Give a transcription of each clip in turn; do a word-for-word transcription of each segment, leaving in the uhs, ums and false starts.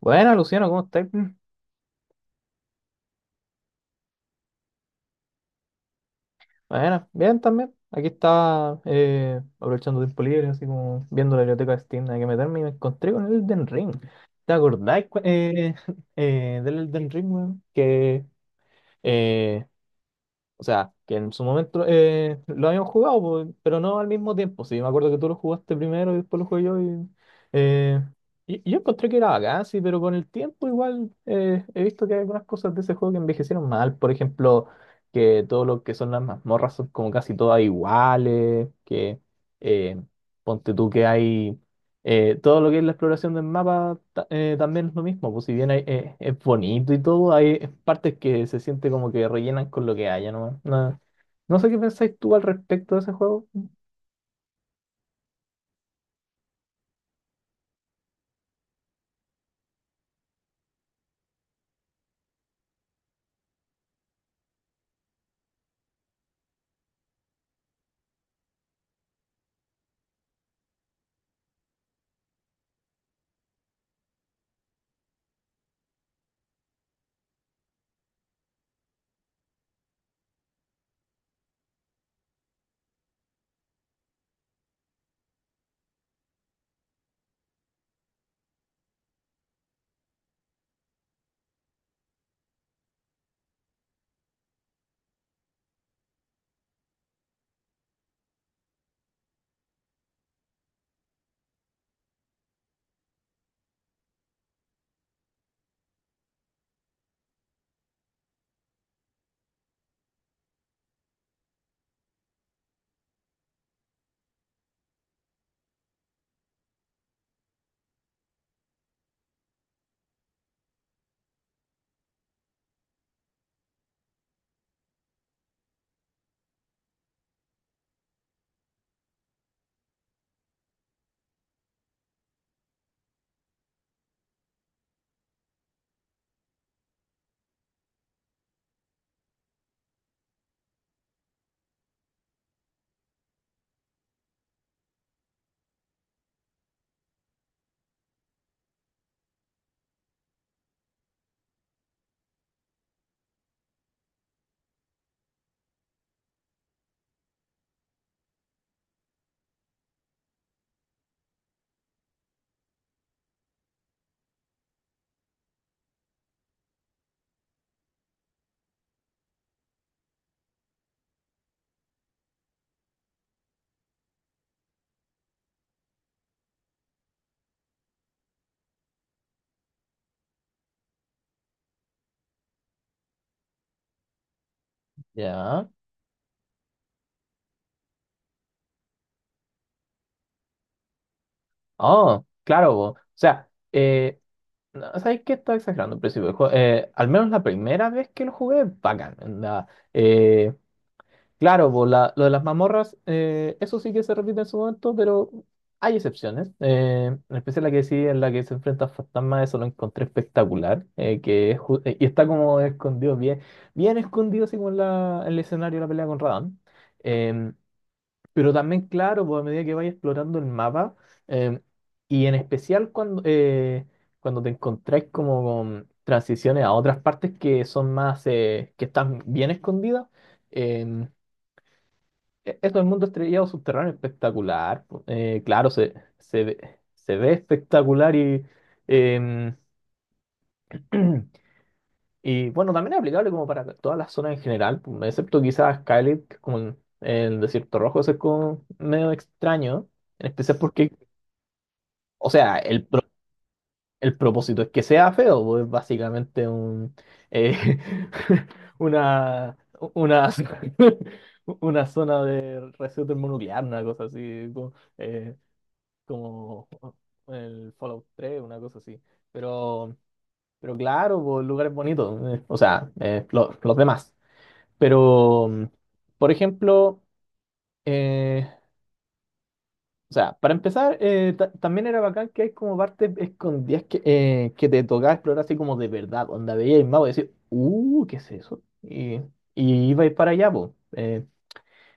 Bueno, Luciano, ¿cómo estás? Bueno, bien también. Aquí estaba eh, aprovechando tiempo libre, así como viendo la biblioteca de Steam, hay que meterme y me encontré con el Elden Ring. ¿Te acordáis cu- eh, eh, del Elden Ring, weón? Que eh, O sea, que en su momento eh, lo habíamos jugado, pues, pero no al mismo tiempo. Sí, me acuerdo que tú lo jugaste primero y después lo jugué yo. Y, eh, y- y yo encontré que era bacán, sí, pero con el tiempo igual eh, he visto que hay algunas cosas de ese juego que envejecieron mal. Por ejemplo, que todo lo que son las mazmorras son como casi todas iguales, que eh, ponte tú que hay... Eh, todo lo que es la exploración del mapa ta- eh, también es lo mismo, pues si bien hay- eh, es bonito y todo, hay partes que se siente como que rellenan con lo que haya, ¿no? No, no sé qué pensáis tú al respecto de ese juego. Ya. Oh, claro, po. O sea, eh, no, ¿sabes qué? Estaba exagerando al principio del juego. Eh, al menos la primera vez que lo jugué, bacán. Onda, claro, pues, la- lo de las mazmorras, eh, eso sí que se repite en su momento, pero hay excepciones. Eh, en especial la que sí, en la que se enfrenta a fantasmas, eso lo encontré espectacular. Eh, que es ju- eh, y está como escondido, bien, bien escondido, así como en, la- en el escenario de la pelea con Radahn. Em, pero también, claro, pues a medida que vayas explorando el mapa, em, y en especial cuando, eh, cuando te encontráis como con transiciones a otras partes que son más, eh, que están bien escondidas em, e- eso del mundo estrellado subterráneo espectacular. Po. Eh, claro, se, se ve, se ve espectacular y, em, y bueno, también es aplicable como para todas las zonas en general, po, excepto quizás Skylit, que es como en el desierto rojo, eso es como medio extraño, en especial porque, o sea, el, pro- el propósito es que sea feo, pues es básicamente un, eh, una, una, una zona de residuo termonuclear, una cosa así. Como, eh, como el Fallout tres una cosa así. Pero, pero claro, pues, lugares bonitos, eh, o sea, eh, lo- los demás. Pero, mm, por ejemplo, eh, o sea, para empezar, eh, ta- también era bacán que hay como partes escondidas que, eh, que te tocaba explorar así como de verdad, donde veías el mapa y decías, uh, ¿qué es eso? Y, y ibais para allá, pues. eh,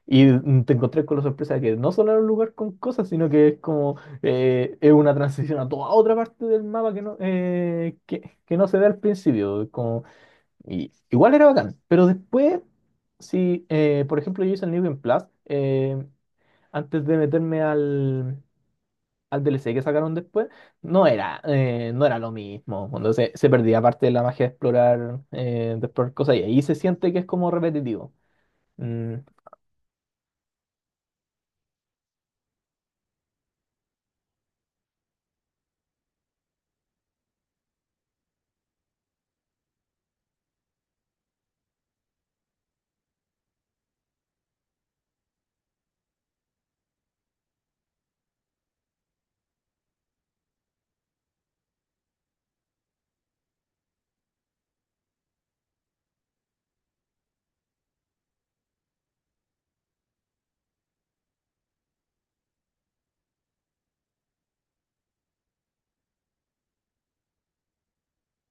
Y te encontré con la sorpresa de que no solo era un lugar con cosas, sino que es como eh, es una transición a toda otra parte del mapa que no, eh, que, que no se ve al principio. Como, y, igual era bacán, pero después, si eh, por ejemplo yo hice el New Game Plus, eh, antes de meterme al, al D L C que sacaron después, no era, eh, no era lo mismo. Cuando se, se perdía parte de la magia de explorar, eh, de explorar cosas y ahí se siente que es como repetitivo. Mm,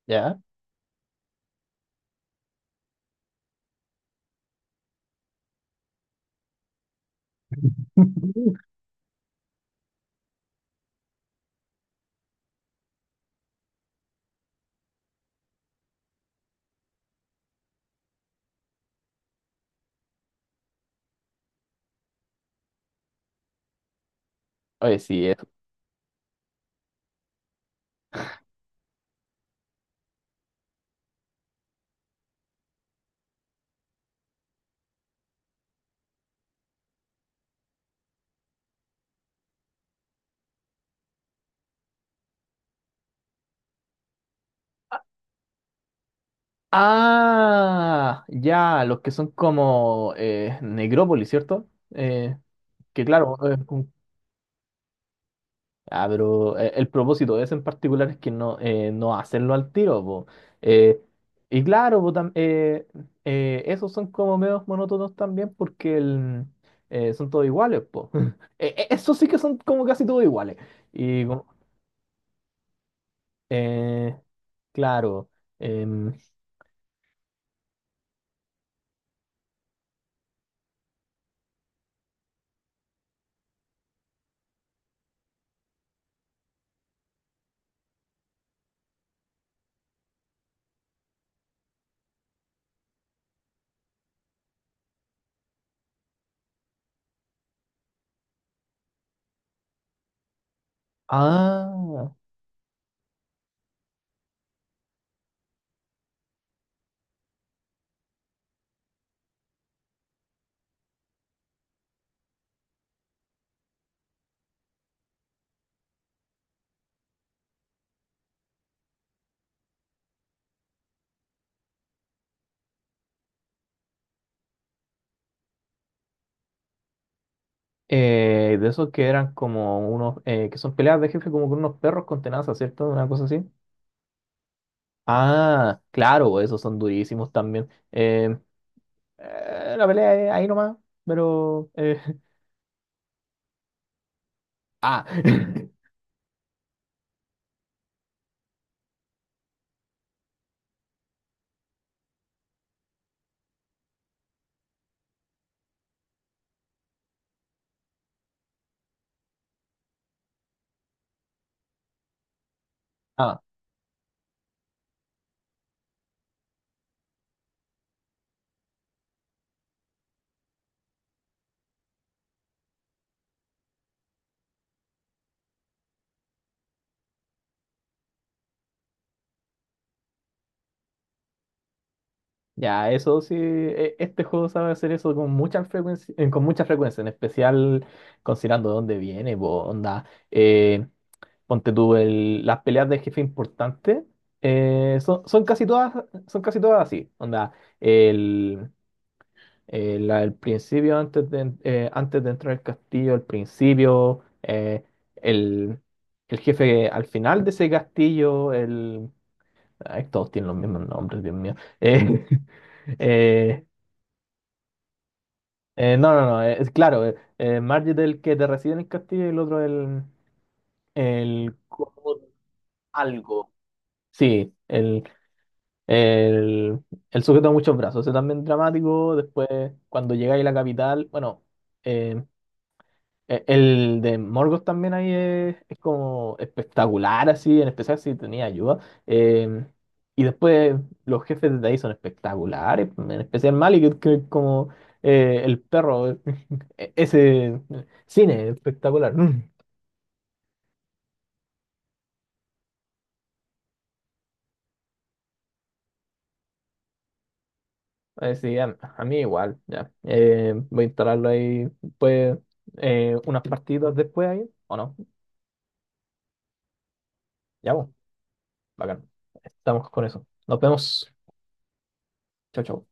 ¿ya? Oye, sí, es, ah, ya, los que son como eh, Necrópolis, ¿cierto? Eh, que claro, eh, un- ah, pero eh, el propósito de ese en particular es que no, eh, no hacerlo al tiro, po. Eh, y claro, po, tam- eh, eh, esos son como medios monótonos también porque el, eh, son todos iguales, po. Eh, eh, esos sí que son como casi todos iguales. Y como- eh, claro. Em, ah. Eh, de esos que eran como unos, eh, que son peleas de jefe como con unos perros con tenazas, ¿cierto? Una cosa así. Ah, claro, esos son durísimos también. Eh, eh, la pelea es ahí nomás, pero... eh, Ah, ah, ya, eso sí, e- este juego sabe hacer eso con mucha frecuencia, eh, con mucha frecuencia, en especial considerando de dónde viene, po, onda. eh, Ponte tú el- las peleas de jefe importante eh, son, son casi todas, son casi todas así. Onda, el, el- la del principio antes de, eh, antes de entrar al castillo, el principio, eh, el, el jefe al final de ese castillo, el. Ay, todos tienen los mismos nombres, Dios mío. Eh, eh, eh, no, no, no, eh, es claro, eh, eh, Marge es el que te recibe en el castillo y el otro el, el algo. Sí, el, El, el sujeto de muchos brazos, ese también dramático. Después, cuando llegáis a la capital, bueno, eh, e- el de Morgoth también ahí es, es como espectacular, así, en especial si tenía ayuda. Eh, y después, los jefes de ahí son espectaculares, en especial Malik, que que es como eh, el perro, e- ese cine espectacular. Mm. Eh, sí, a, a mí igual, ya. Eh, voy a instalarlo ahí, pues, eh, unas partidas después ahí, ¿o no? Ya, pues, bacán. Estamos con eso. Nos vemos. Chau, chau.